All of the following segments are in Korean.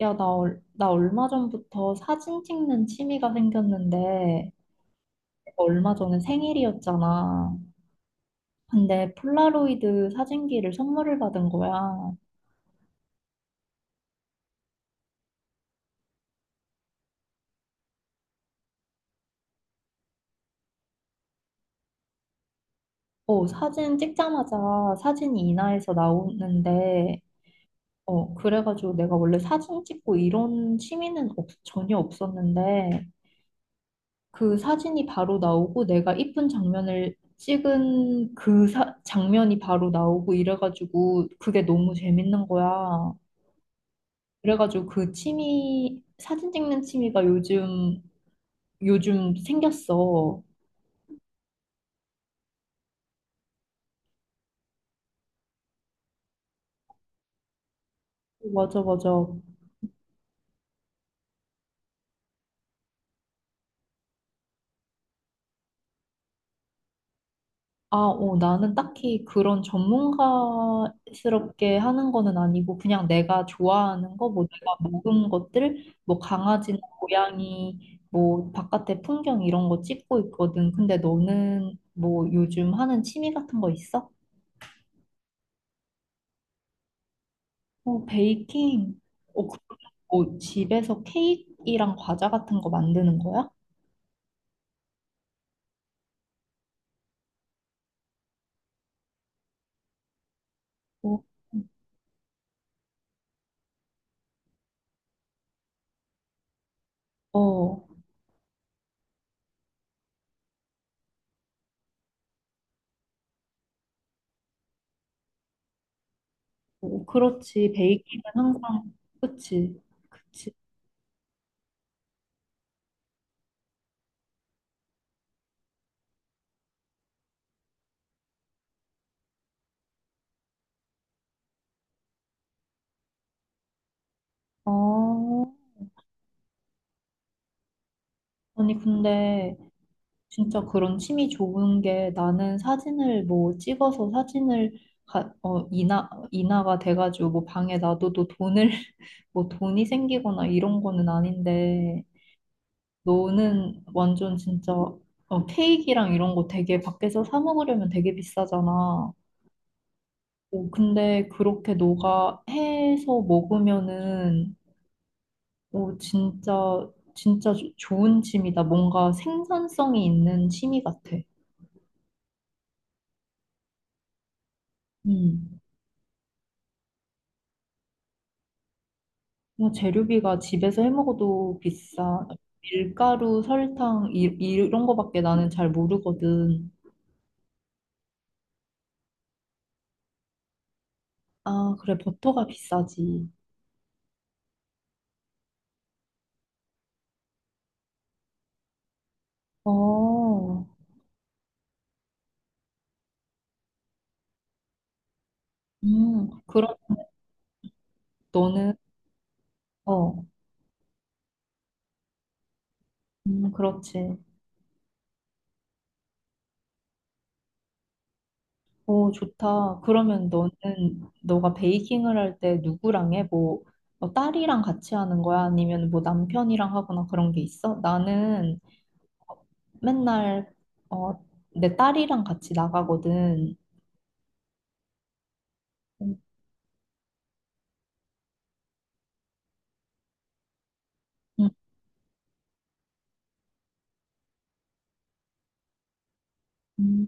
야, 나 얼마 전부터 사진 찍는 취미가 생겼는데, 얼마 전에 생일이었잖아. 근데 폴라로이드 사진기를 선물을 받은 거야. 사진 찍자마자 사진이 인화해서 나오는데, 그래가지고 내가 원래 사진 찍고 이런 취미는 전혀 없었는데, 그 사진이 바로 나오고 내가 이쁜 장면을 찍은 장면이 바로 나오고 이래가지고 그게 너무 재밌는 거야. 그래가지고 그 취미, 사진 찍는 취미가 요즘 생겼어. 맞아, 맞아. 나는 딱히 그런 전문가스럽게 하는 거는 아니고, 그냥 내가 좋아하는 거, 뭐 내가 먹은 것들, 뭐 강아지나 고양이, 뭐 바깥의 풍경 이런 거 찍고 있거든. 근데 너는 뭐 요즘 하는 취미 같은 거 있어? 어, 베이킹. 어, 그- 뭐 집에서 케이크랑 과자 같은 거 만드는 거야? 어. 어, 그렇지. 베이킹은 항상, 그치, 그치. 어, 아니, 근데 진짜 그런 취미 좋은 게 나는 사진을 뭐 찍어서 사진을 인화가 돼가지고 뭐 방에 놔둬도 돈을, 뭐 돈이 생기거나 이런 거는 아닌데, 너는 완전 진짜 케이크랑 이런 거 되게 밖에서 사 먹으려면 되게 비싸잖아. 어, 근데 그렇게 너가 해서 먹으면은 오, 진짜, 좋은 취미다. 뭔가 생산성이 있는 취미 같아. 음. 뭐 재료비가 집에서 해 먹어도 비싸. 밀가루, 설탕, 이런 거밖에 나는 잘 모르거든. 아, 그래, 버터가 비싸지. 어, 그럼 너는, 어, 그렇지. 오, 좋다. 그러면 너는, 너가 베이킹을 할 때 누구랑 해? 뭐 딸이랑 같이 하는 거야? 아니면 뭐 남편이랑 하거나 그런 게 있어? 나는 맨날, 어, 내 딸이랑 같이 나가거든. 음, 음.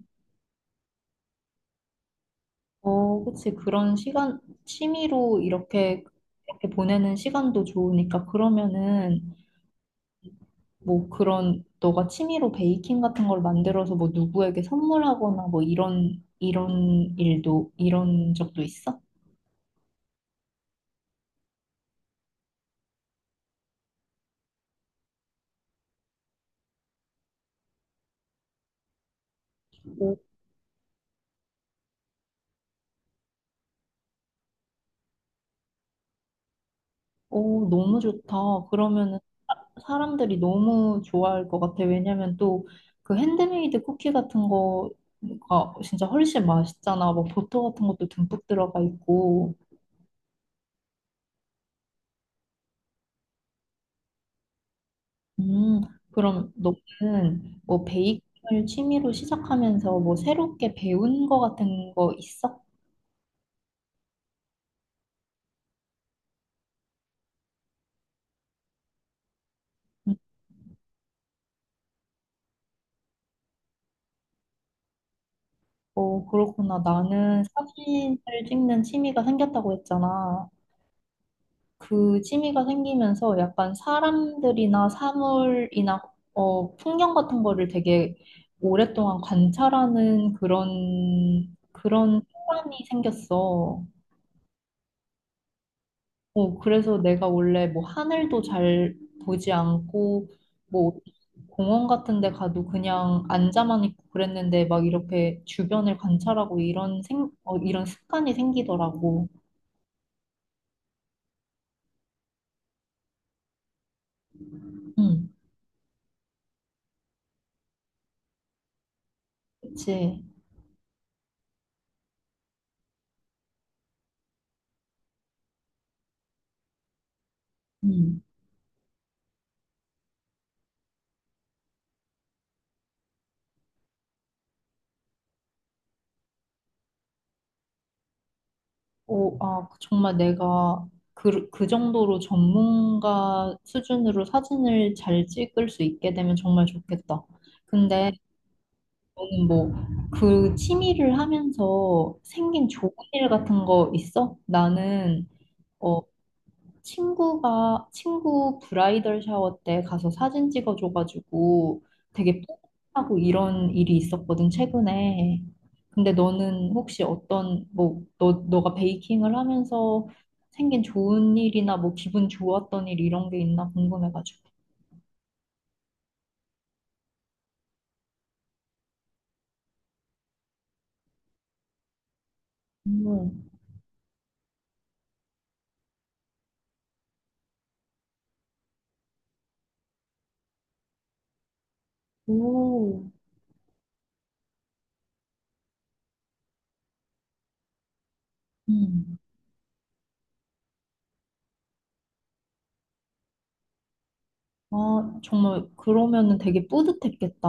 어, 그치. 그런 시간, 취미로 이렇게, 이렇게 보내는 시간도 좋으니까. 그러면은, 뭐 그런 너가 취미로 베이킹 같은 걸 만들어서 뭐 누구에게 선물하거나 뭐 이런 적도 있어? 오, 오 너무 좋다. 그러면은 사람들이 너무 좋아할 것 같아. 왜냐면 또 그 핸드메이드 쿠키 같은 거가 진짜 훨씬 맛있잖아. 뭐 버터 같은 것도 듬뿍 들어가 있고. 음, 그럼 너는 뭐 베이킹을 취미로 시작하면서 뭐 새롭게 배운 거 같은 거 있어? 어, 그렇구나. 나는 사진을 찍는 취미가 생겼다고 했잖아. 그 취미가 생기면서 약간 사람들이나 사물이나 어, 풍경 같은 거를 되게 오랫동안 관찰하는 그런 습관이 생겼어. 어, 그래서 내가 원래 뭐 하늘도 잘 보지 않고 뭐 공원 같은 데 가도 그냥 앉아만 있고 그랬는데 막 이렇게 주변을 관찰하고 이런 습관이 생기더라고. 응, 그치. 응. 어, 정말 내가 그 정도로 전문가 수준으로 사진을 잘 찍을 수 있게 되면 정말 좋겠다. 근데 너는 뭐 그 취미를 하면서 생긴 좋은 일 같은 거 있어? 나는 어 친구가 친구 브라이덜 샤워 때 가서 사진 찍어줘가지고 되게 뿌듯하고 이런 일이 있었거든 최근에. 근데 너는 혹시 어떤 뭐 너 너가 베이킹을 하면서 생긴 좋은 일이나 뭐 기분 좋았던 일 이런 게 있나 궁금해가지고. 음. 오, 음. 아, 정말 그러면은 되게 뿌듯했겠다.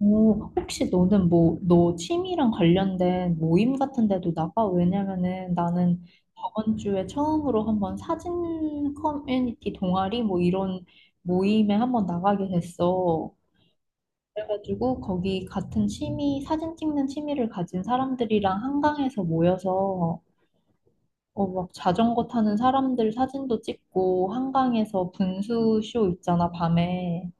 오, 혹시 너는 뭐, 너 취미랑 관련된 모임 같은 데도 나가? 왜냐면은 나는 저번 주에 처음으로 한번 사진 커뮤니티 동아리 뭐 이런 모임에 한번 나가게 됐어. 그래가지고 거기 같은 취미, 사진 찍는 취미를 가진 사람들이랑 한강에서 모여서 어, 막 자전거 타는 사람들 사진도 찍고 한강에서 분수쇼 있잖아, 밤에.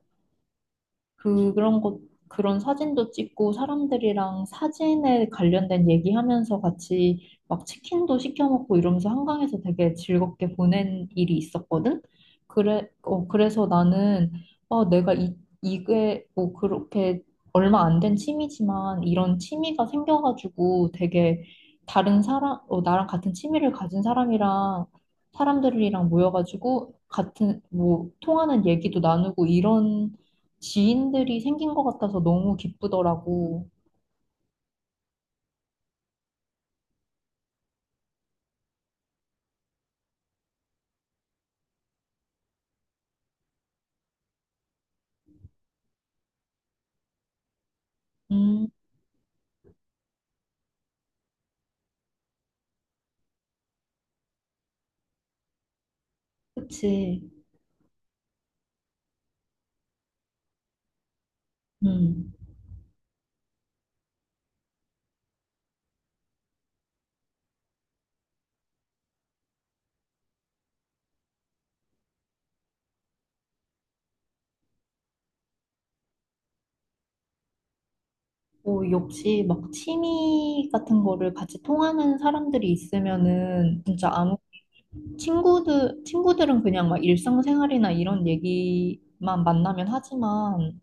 그, 그런 것, 그런 사진도 찍고 사람들이랑 사진에 관련된 얘기하면서 같이 막 치킨도 시켜 먹고 이러면서 한강에서 되게 즐겁게 보낸 일이 있었거든? 그래서 나는, 어, 이게 뭐 그렇게 얼마 안 된 취미지만 이런 취미가 생겨가지고 되게 다른 사람, 어, 나랑 같은 취미를 가진 사람이랑 사람들이랑 모여가지고 같은 뭐 통하는 얘기도 나누고 이런 지인들이 생긴 것 같아서 너무 기쁘더라고. 음, 그치. 음. 뭐, 역시 막 취미 같은 거를 같이 통하는 사람들이 있으면은 진짜 아무, 친구들은 그냥 막 일상생활이나 이런 얘기만 만나면 하지만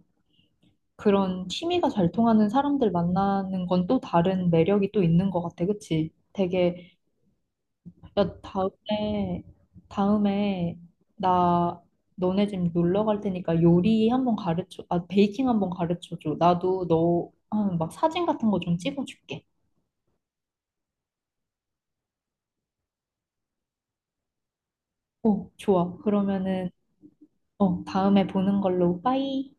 그런 취미가 잘 통하는 사람들 만나는 건 또 다른 매력이 또 있는 것 같아. 그치? 되게 야, 다음에, 나 너네 집 놀러 갈 테니까 요리 한번 가르쳐, 아, 베이킹 한번 가르쳐 줘. 나도 너, 아, 막 사진 같은 거 좀 찍어줄게. 어, 좋아. 그러면은, 어, 다음에 보는 걸로, 빠이.